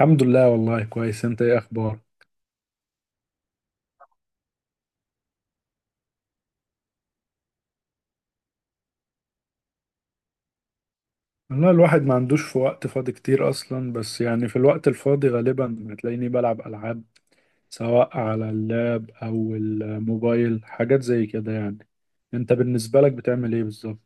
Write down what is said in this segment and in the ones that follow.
الحمد لله. والله كويس. انت ايه اخبارك؟ والله الواحد ما عندوش في وقت فاضي كتير اصلا، بس يعني في الوقت الفاضي غالبا هتلاقيني بلعب العاب، سواء على اللاب او الموبايل، حاجات زي كده يعني. انت بالنسبة لك بتعمل ايه بالظبط؟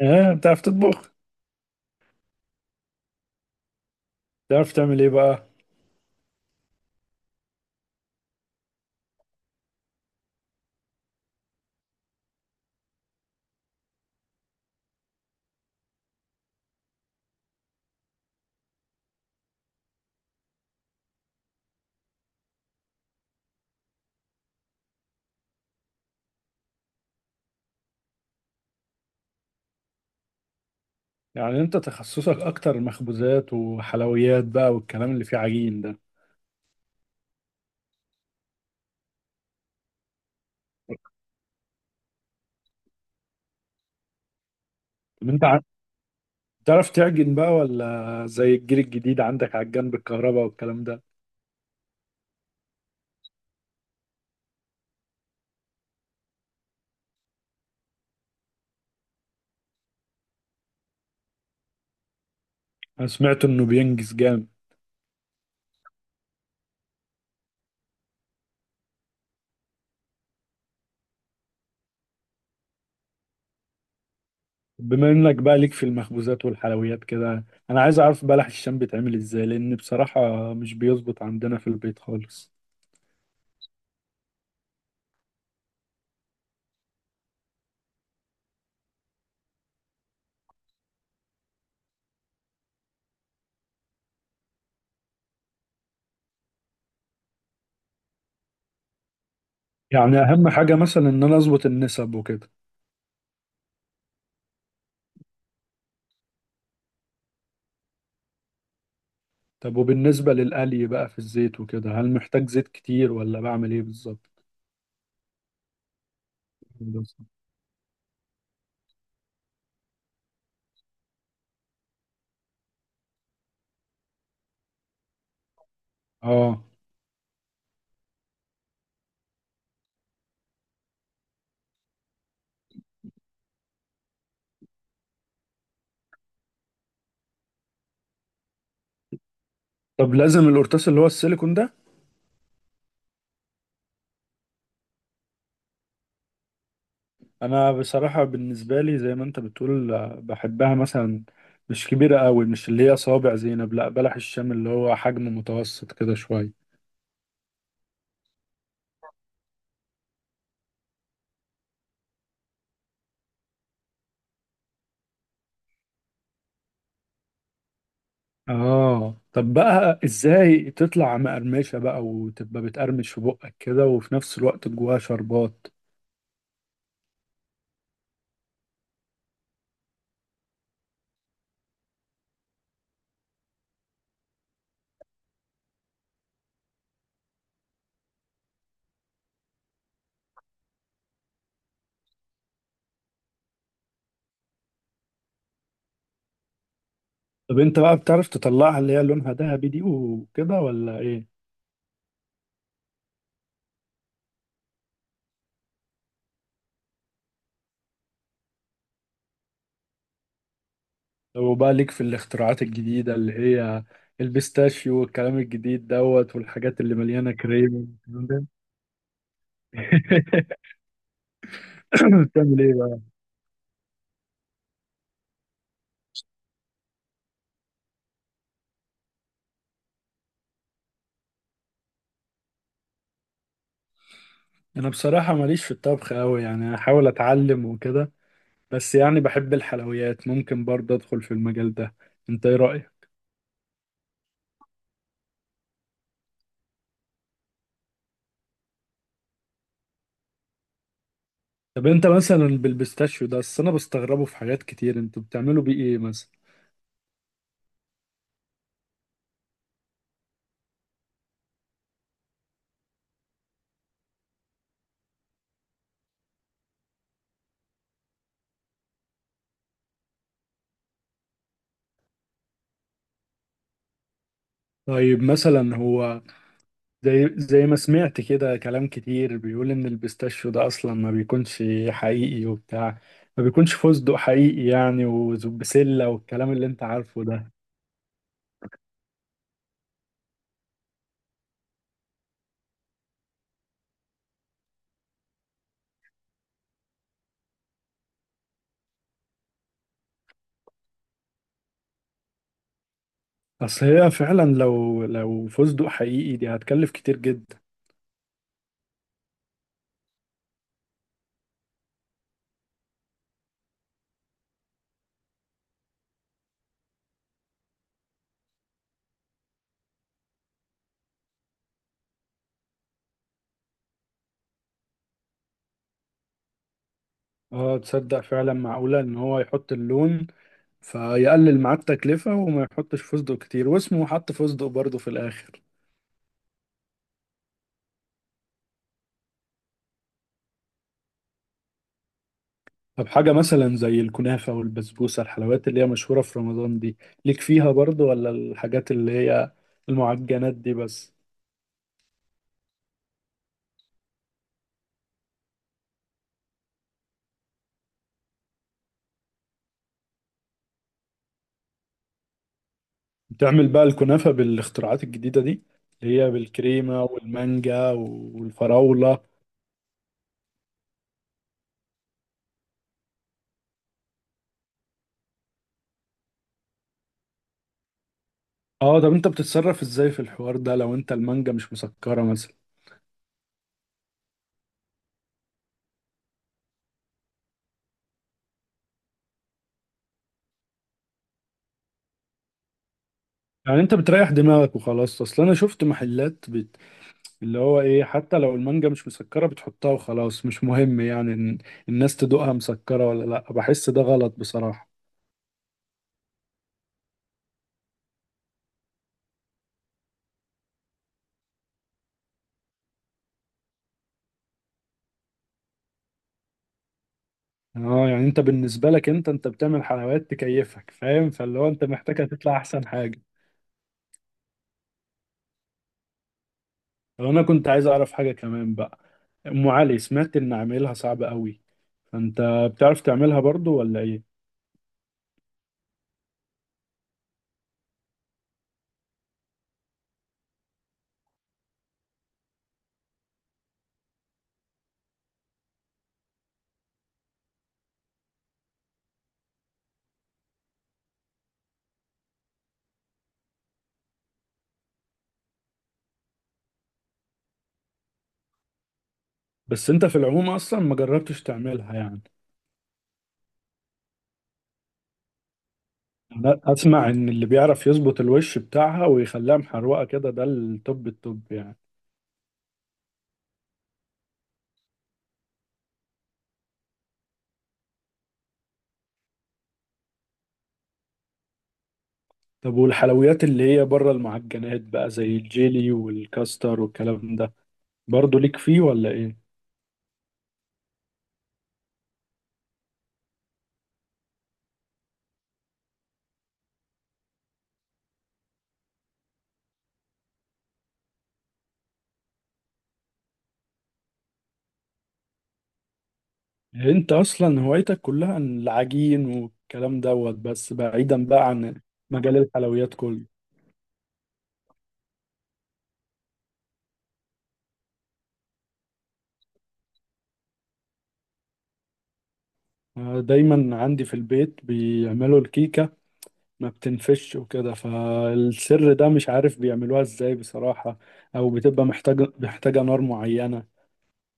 اه، بتعرف تطبخ؟ بتعرف تعمل ايه بقى؟ يعني انت تخصصك اكتر مخبوزات وحلويات بقى، والكلام اللي فيه عجين ده؟ طب انت بتعرف تعجن بقى، ولا زي الجيل الجديد عندك عجان بالكهرباء والكلام ده؟ انا سمعت انه بينجز جامد. بما انك بقى ليك في المخبوزات والحلويات كده، انا عايز اعرف بلح الشام بيتعمل ازاي، لان بصراحة مش بيظبط عندنا في البيت خالص. يعني اهم حاجة مثلا ان انا اظبط النسب وكده؟ طب وبالنسبة للقلي بقى في الزيت وكده، هل محتاج زيت كتير ولا بعمل ايه بالظبط؟ اه. طب لازم القرطاس اللي هو السيليكون ده؟ انا بصراحة بالنسبة لي زي ما انت بتقول، بحبها مثلا مش كبيرة قوي، مش اللي هي صوابع زينب، لا بلح الشام اللي هو حجم متوسط كده شوية. اه. طب بقى ازاي تطلع مقرمشة بقى وتبقى بتقرمش في بقك كده، وفي نفس الوقت جواها شربات؟ طب انت بقى بتعرف تطلعها اللي هي لونها ذهبي دي وكده، ولا ايه؟ لو بقى ليك في الاختراعات الجديدة اللي هي البيستاشيو والكلام الجديد دوت، والحاجات اللي مليانة كريم والكلام ده. بتعمل ايه بقى؟ انا بصراحة ماليش في الطبخ قوي، يعني احاول اتعلم وكده، بس يعني بحب الحلويات، ممكن برضه ادخل في المجال ده. انت ايه رأيك؟ طب انت مثلا بالبيستاشيو ده، اصل انا بستغربه في حاجات كتير، انتوا بتعملوا بيه ايه مثلا؟ طيب مثلا هو زي ما سمعت كده، كلام كتير بيقول ان البيستاشيو ده اصلا ما بيكونش حقيقي وبتاع، ما بيكونش فستق حقيقي يعني وبسلة، والكلام اللي انت عارفه ده. اصل هي فعلا لو فستق حقيقي دي هتكلف كتير جدا. اه. تصدق فعلا معقولة ان هو يحط اللون فيقلل معاه التكلفة وما يحطش فستق كتير، واسمه حط فستق برضه في الاخر؟ طب حاجة مثلا زي الكنافة والبسبوسة، الحلويات اللي هي مشهورة في رمضان دي، ليك فيها برضو، ولا الحاجات اللي هي المعجنات دي بس؟ بتعمل بقى الكنافة بالاختراعات الجديدة دي اللي هي بالكريمة والمانجا والفراولة؟ اه. طب انت بتتصرف ازاي في الحوار ده لو انت المانجا مش مسكرة مثلا؟ يعني انت بتريح دماغك وخلاص. اصل انا شفت محلات اللي هو ايه، حتى لو المانجا مش مسكرة بتحطها وخلاص، مش مهم يعني إن الناس تدوقها مسكرة ولا لا، بحس ده غلط بصراحة. اه. يعني انت بالنسبه لك انت بتعمل حلويات تكيفك فاهم، فاللي هو انت محتاجها تطلع احسن حاجه. لو انا كنت عايز اعرف حاجه كمان بقى، ام علي سمعت ان عاملها صعب قوي، فانت بتعرف تعملها برضو ولا ايه؟ بس انت في العموم اصلا ما جربتش تعملها يعني؟ انا اسمع ان اللي بيعرف يظبط الوش بتاعها ويخليها محروقه كده ده التوب التوب يعني. طب والحلويات اللي هي بره المعجنات بقى زي الجيلي والكاستر والكلام ده، برضو ليك فيه ولا ايه؟ انت اصلا هوايتك كلها عن العجين والكلام دوت، بس بعيدا بقى عن مجال الحلويات كله. دايما عندي في البيت بيعملوا الكيكة ما بتنفش وكده، فالسر ده مش عارف بيعملوها ازاي بصراحة، او بتبقى محتاجة نار معينة،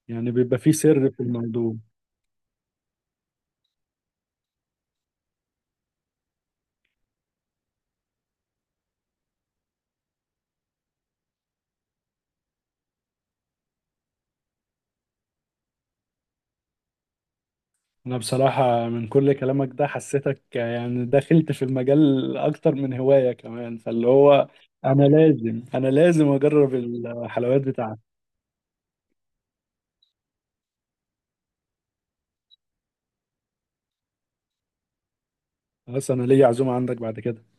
يعني بيبقى فيه سر في الموضوع. انا بصراحة من كل كلامك ده حسيتك يعني دخلت في المجال اكتر من هواية كمان، فاللي هو انا لازم اجرب الحلويات بتاعتك. بس انا ليا عزومه عندك بعد كده.